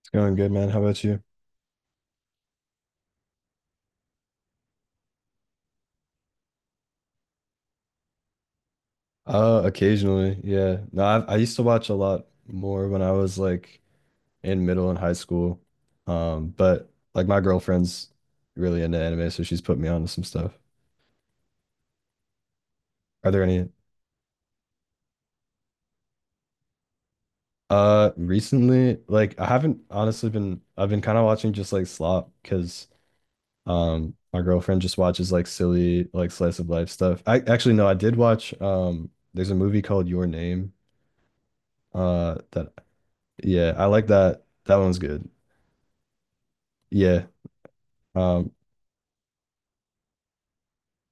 It's going good, man. How about you? Occasionally, yeah. No, I used to watch a lot more when I was like in middle and high school. But like my girlfriend's really into anime, so she's put me onto some stuff. Are there any recently like I haven't honestly been I've been kind of watching just like slop because my girlfriend just watches like silly like slice of life stuff. I actually no, I did watch there's a movie called Your Name that yeah, I like that. That one's good. Yeah. Um,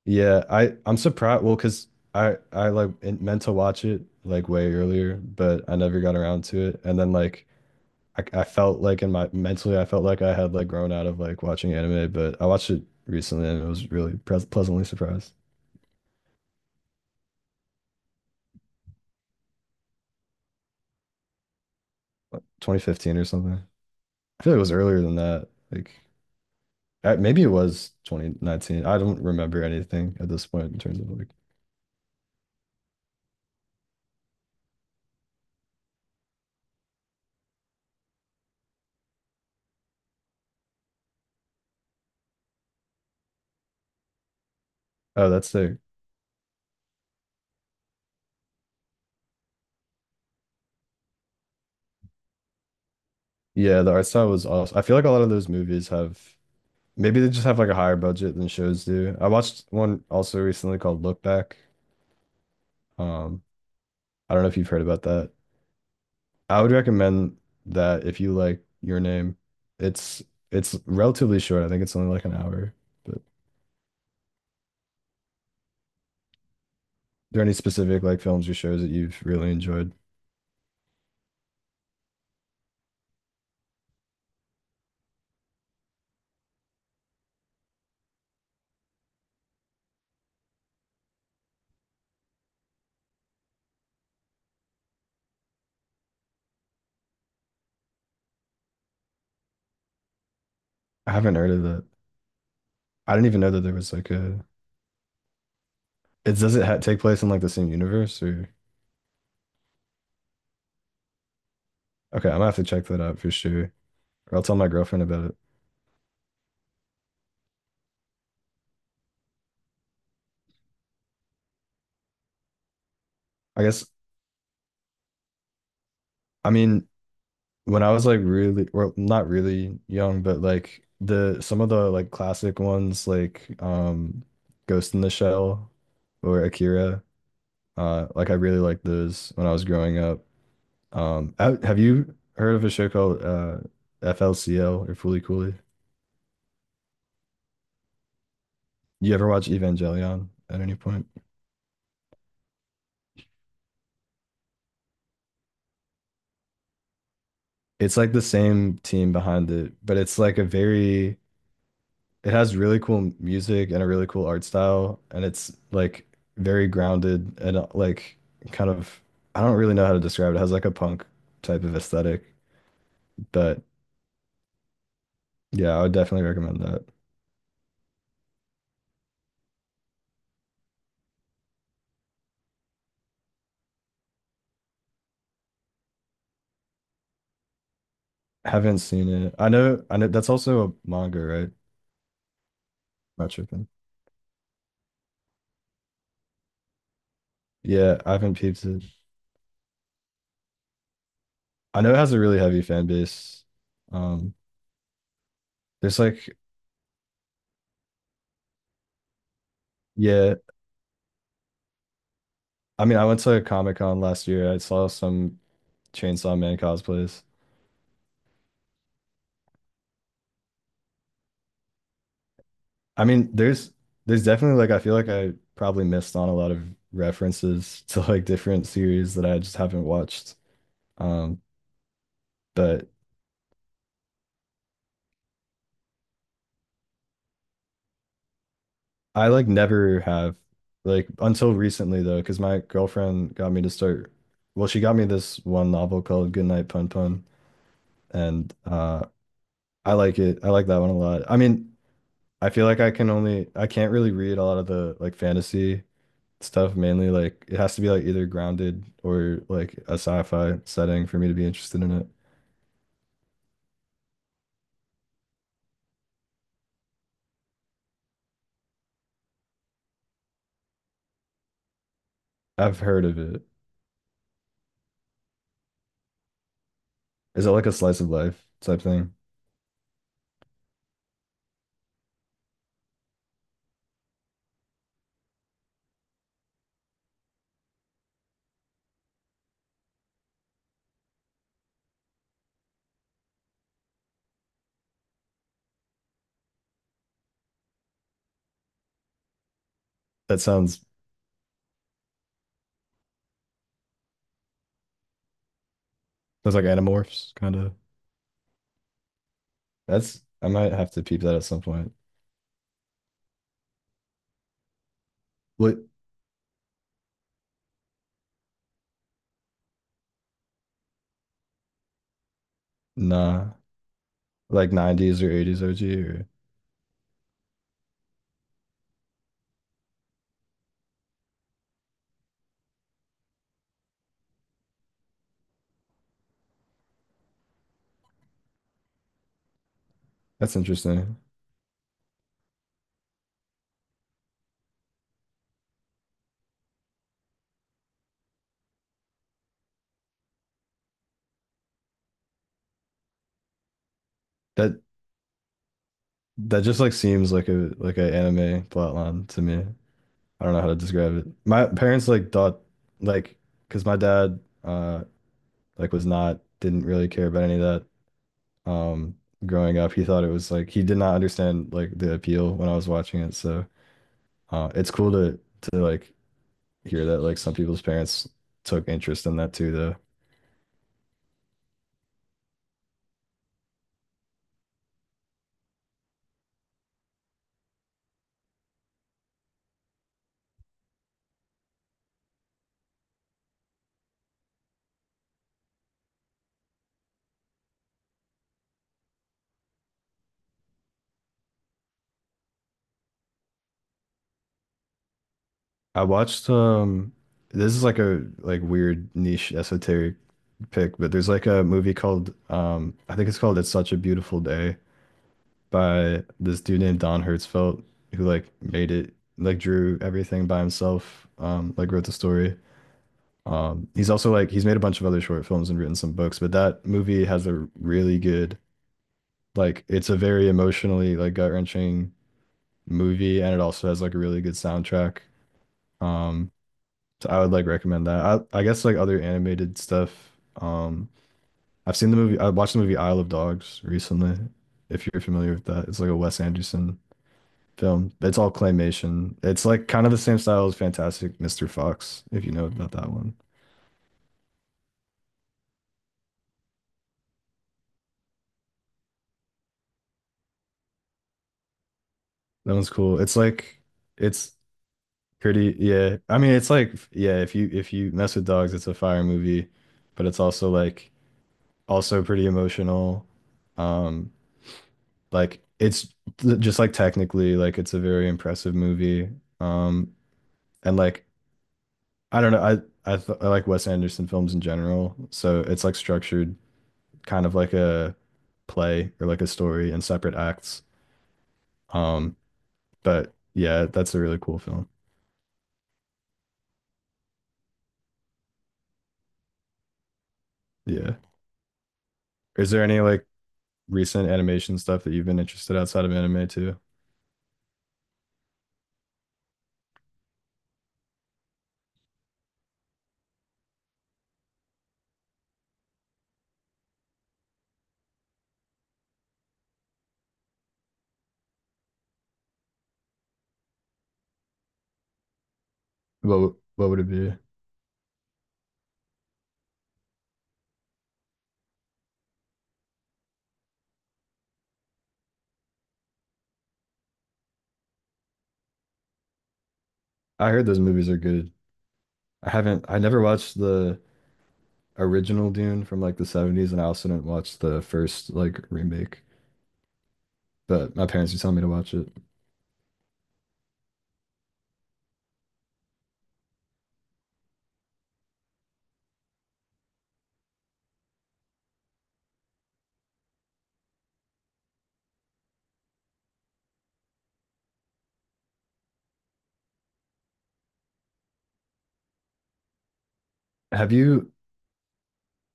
yeah, I'm surprised. Well, because I like meant to watch it like way earlier, but I never got around to it. And then like I felt like in my mentally, I felt like I had like grown out of like watching anime, but I watched it recently and it was really pres pleasantly surprised. 2015 or something. I feel like it was earlier than that. Like I, maybe it was 2019. I don't remember anything at this point in terms of like, oh, that's the yeah, the art style was awesome. I feel like a lot of those movies have. Maybe they just have like a higher budget than shows do. I watched one also recently called Look Back. Um, I don't know if you've heard about that. I would recommend that if you like Your Name. It's it's relatively short. I think it's only like an hour. But are there any specific like films or shows that you've really enjoyed? I haven't heard of that. I didn't even know that there was like a. It does it ha take place in like the same universe or? Okay, I'm gonna have to check that out for sure. Or I'll tell my girlfriend about it. I guess I mean, when I was like really, well, not really young, but like the some of the like classic ones like Ghost in the Shell or Akira, like I really liked those when I was growing up. Have you heard of a show called FLCL or Foolie Coolie? You ever watch Evangelion at any point? It's like the same team behind it, but it's like a very it has really cool music and a really cool art style, and it's like very grounded and like kind of I don't really know how to describe it. It has like a punk type of aesthetic, but yeah, I would definitely recommend that. Haven't seen it. I know that's also a manga, right? Not tripping. Yeah, I haven't peeped it. I know it has a really heavy fan base. Um, there's like, yeah, I mean, I went to a Comic Con last year. I saw some Chainsaw Man cosplays. I mean, there's definitely like I feel like I probably missed on a lot of references to like different series that I just haven't watched. Um, but I like never have like until recently though, because my girlfriend got me to start. Well, she got me this one novel called Goodnight Pun Pun, and I like it. I like that one a lot. I mean, I feel like I can only I can't really read a lot of the like fantasy stuff mainly. Like it has to be like either grounded or like a sci-fi setting for me to be interested in it. I've heard of it. Is it like a slice of life type thing? That sounds that's like Animorphs kind of. That's I might have to peep that at some point. What? Nah, like 90s or 80s OG or that's interesting. That that just like seems like a like an anime plotline to me. I don't know how to describe it. My parents like thought like because my dad like was not didn't really care about any of that um growing up. He thought it was like he did not understand like the appeal when I was watching it. So it's cool to like hear that like some people's parents took interest in that too though. I watched this is like a like weird niche esoteric pick, but there's like a movie called I think it's called It's Such a Beautiful Day by this dude named Don Hertzfeldt who like made it like drew everything by himself, like wrote the story. He's also like he's made a bunch of other short films and written some books, but that movie has a really good like it's a very emotionally like gut-wrenching movie and it also has like a really good soundtrack. Um, so I would like recommend that. I guess like other animated stuff. Um, I've seen the movie I watched the movie Isle of Dogs recently, if you're familiar with that. It's like a Wes Anderson film. It's all claymation. It's like kind of the same style as Fantastic Mr. Fox, if you know about that one. That one's cool. It's like it's pretty, yeah. I mean, it's like, yeah, if you mess with dogs, it's a fire movie, but it's also like also pretty emotional. Um, like it's just like technically, like it's a very impressive movie. Um, and like I don't know, I like Wes Anderson films in general, so it's like structured kind of like a play or like a story in separate acts. Um, but yeah, that's a really cool film. Yeah. Is there any like recent animation stuff that you've been interested outside of anime too? What what would it be? I heard those movies are good. I never watched the original Dune from like the 70s and I also didn't watch the first like remake, but my parents were telling me to watch it. Have you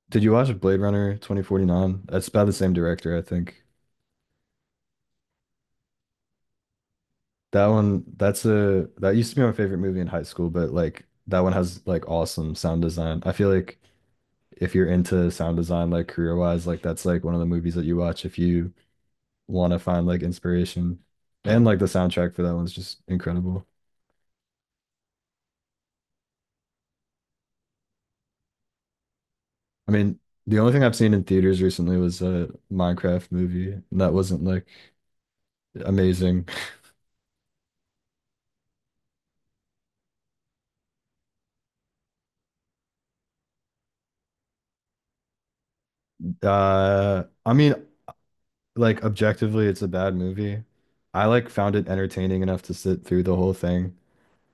did you watch Blade Runner 2049? That's by the same director, I think. That one that's a that used to be my favorite movie in high school, but like that one has like awesome sound design. I feel like if you're into sound design like career wise like that's like one of the movies that you watch if you want to find like inspiration. And like the soundtrack for that one's just incredible. I mean, the only thing I've seen in theaters recently was a Minecraft movie, and that wasn't like amazing. I mean, like objectively, it's a bad movie. I like found it entertaining enough to sit through the whole thing.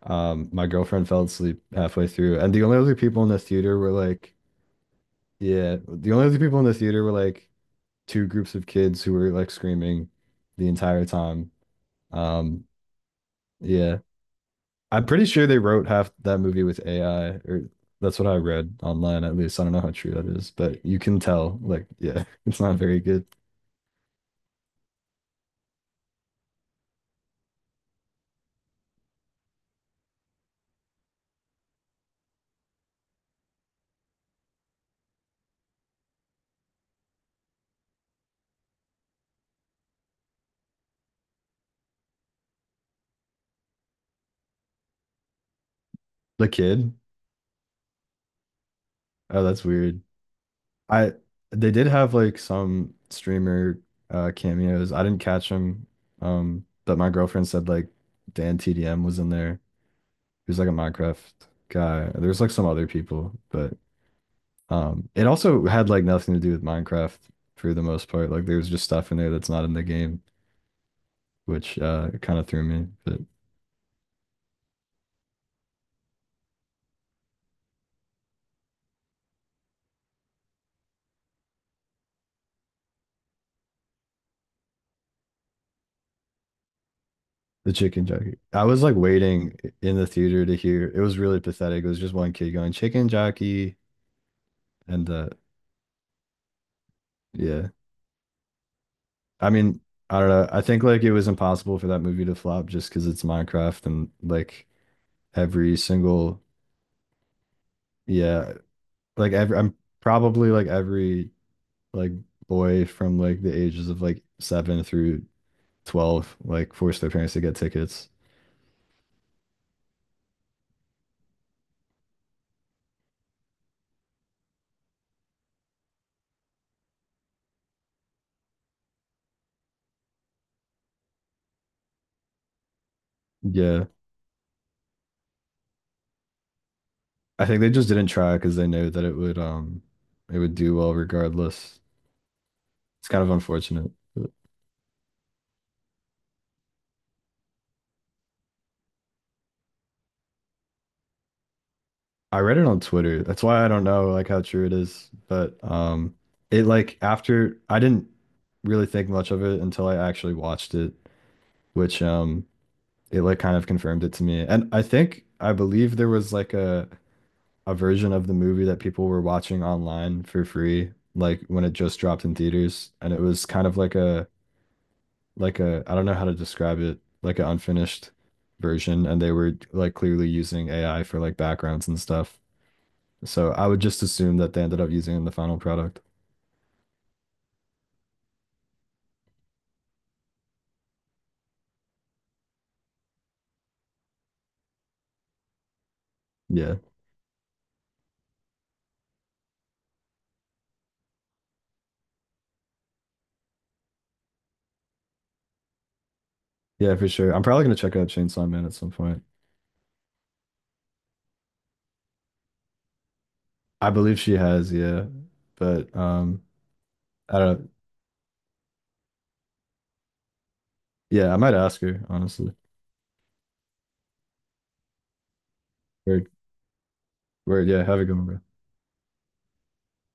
My girlfriend fell asleep halfway through, and the only other people in the theater were like, yeah, the only other people in the theater were like two groups of kids who were like screaming the entire time. Um, yeah, I'm pretty sure they wrote half that movie with AI, or that's what I read online at least. I don't know how true that is, but you can tell, like, yeah, it's not very good. The kid? Oh, that's weird. I they did have like some streamer cameos. I didn't catch them. But my girlfriend said like Dan TDM was in there. He was like a Minecraft guy. There's like some other people, but it also had like nothing to do with Minecraft for the most part. Like there was just stuff in there that's not in the game, which kind of threw me. But the chicken jockey, I was like waiting in the theater to hear. It was really pathetic. It was just one kid going chicken jockey, and yeah. I mean, I don't know. I think like it was impossible for that movie to flop just because it's Minecraft and like every single yeah, like every I'm probably like every like boy from like the ages of like seven through 12 like forced their parents to get tickets. Yeah. I think they just didn't try because they knew that it would do well regardless. It's kind of unfortunate. I read it on Twitter. That's why I don't know like how true it is, but it like after I didn't really think much of it until I actually watched it, which it like kind of confirmed it to me. And I think I believe there was like a version of the movie that people were watching online for free like when it just dropped in theaters and it was kind of like a I don't know how to describe it, like an unfinished version, and they were like clearly using AI for like backgrounds and stuff. So I would just assume that they ended up using it in the final product. Yeah. Yeah, for sure. I'm probably gonna check out Chainsaw Man at some point. I believe she has, yeah. But I don't know. Yeah, I might ask her, honestly. Word, word, yeah, have a good one, bro.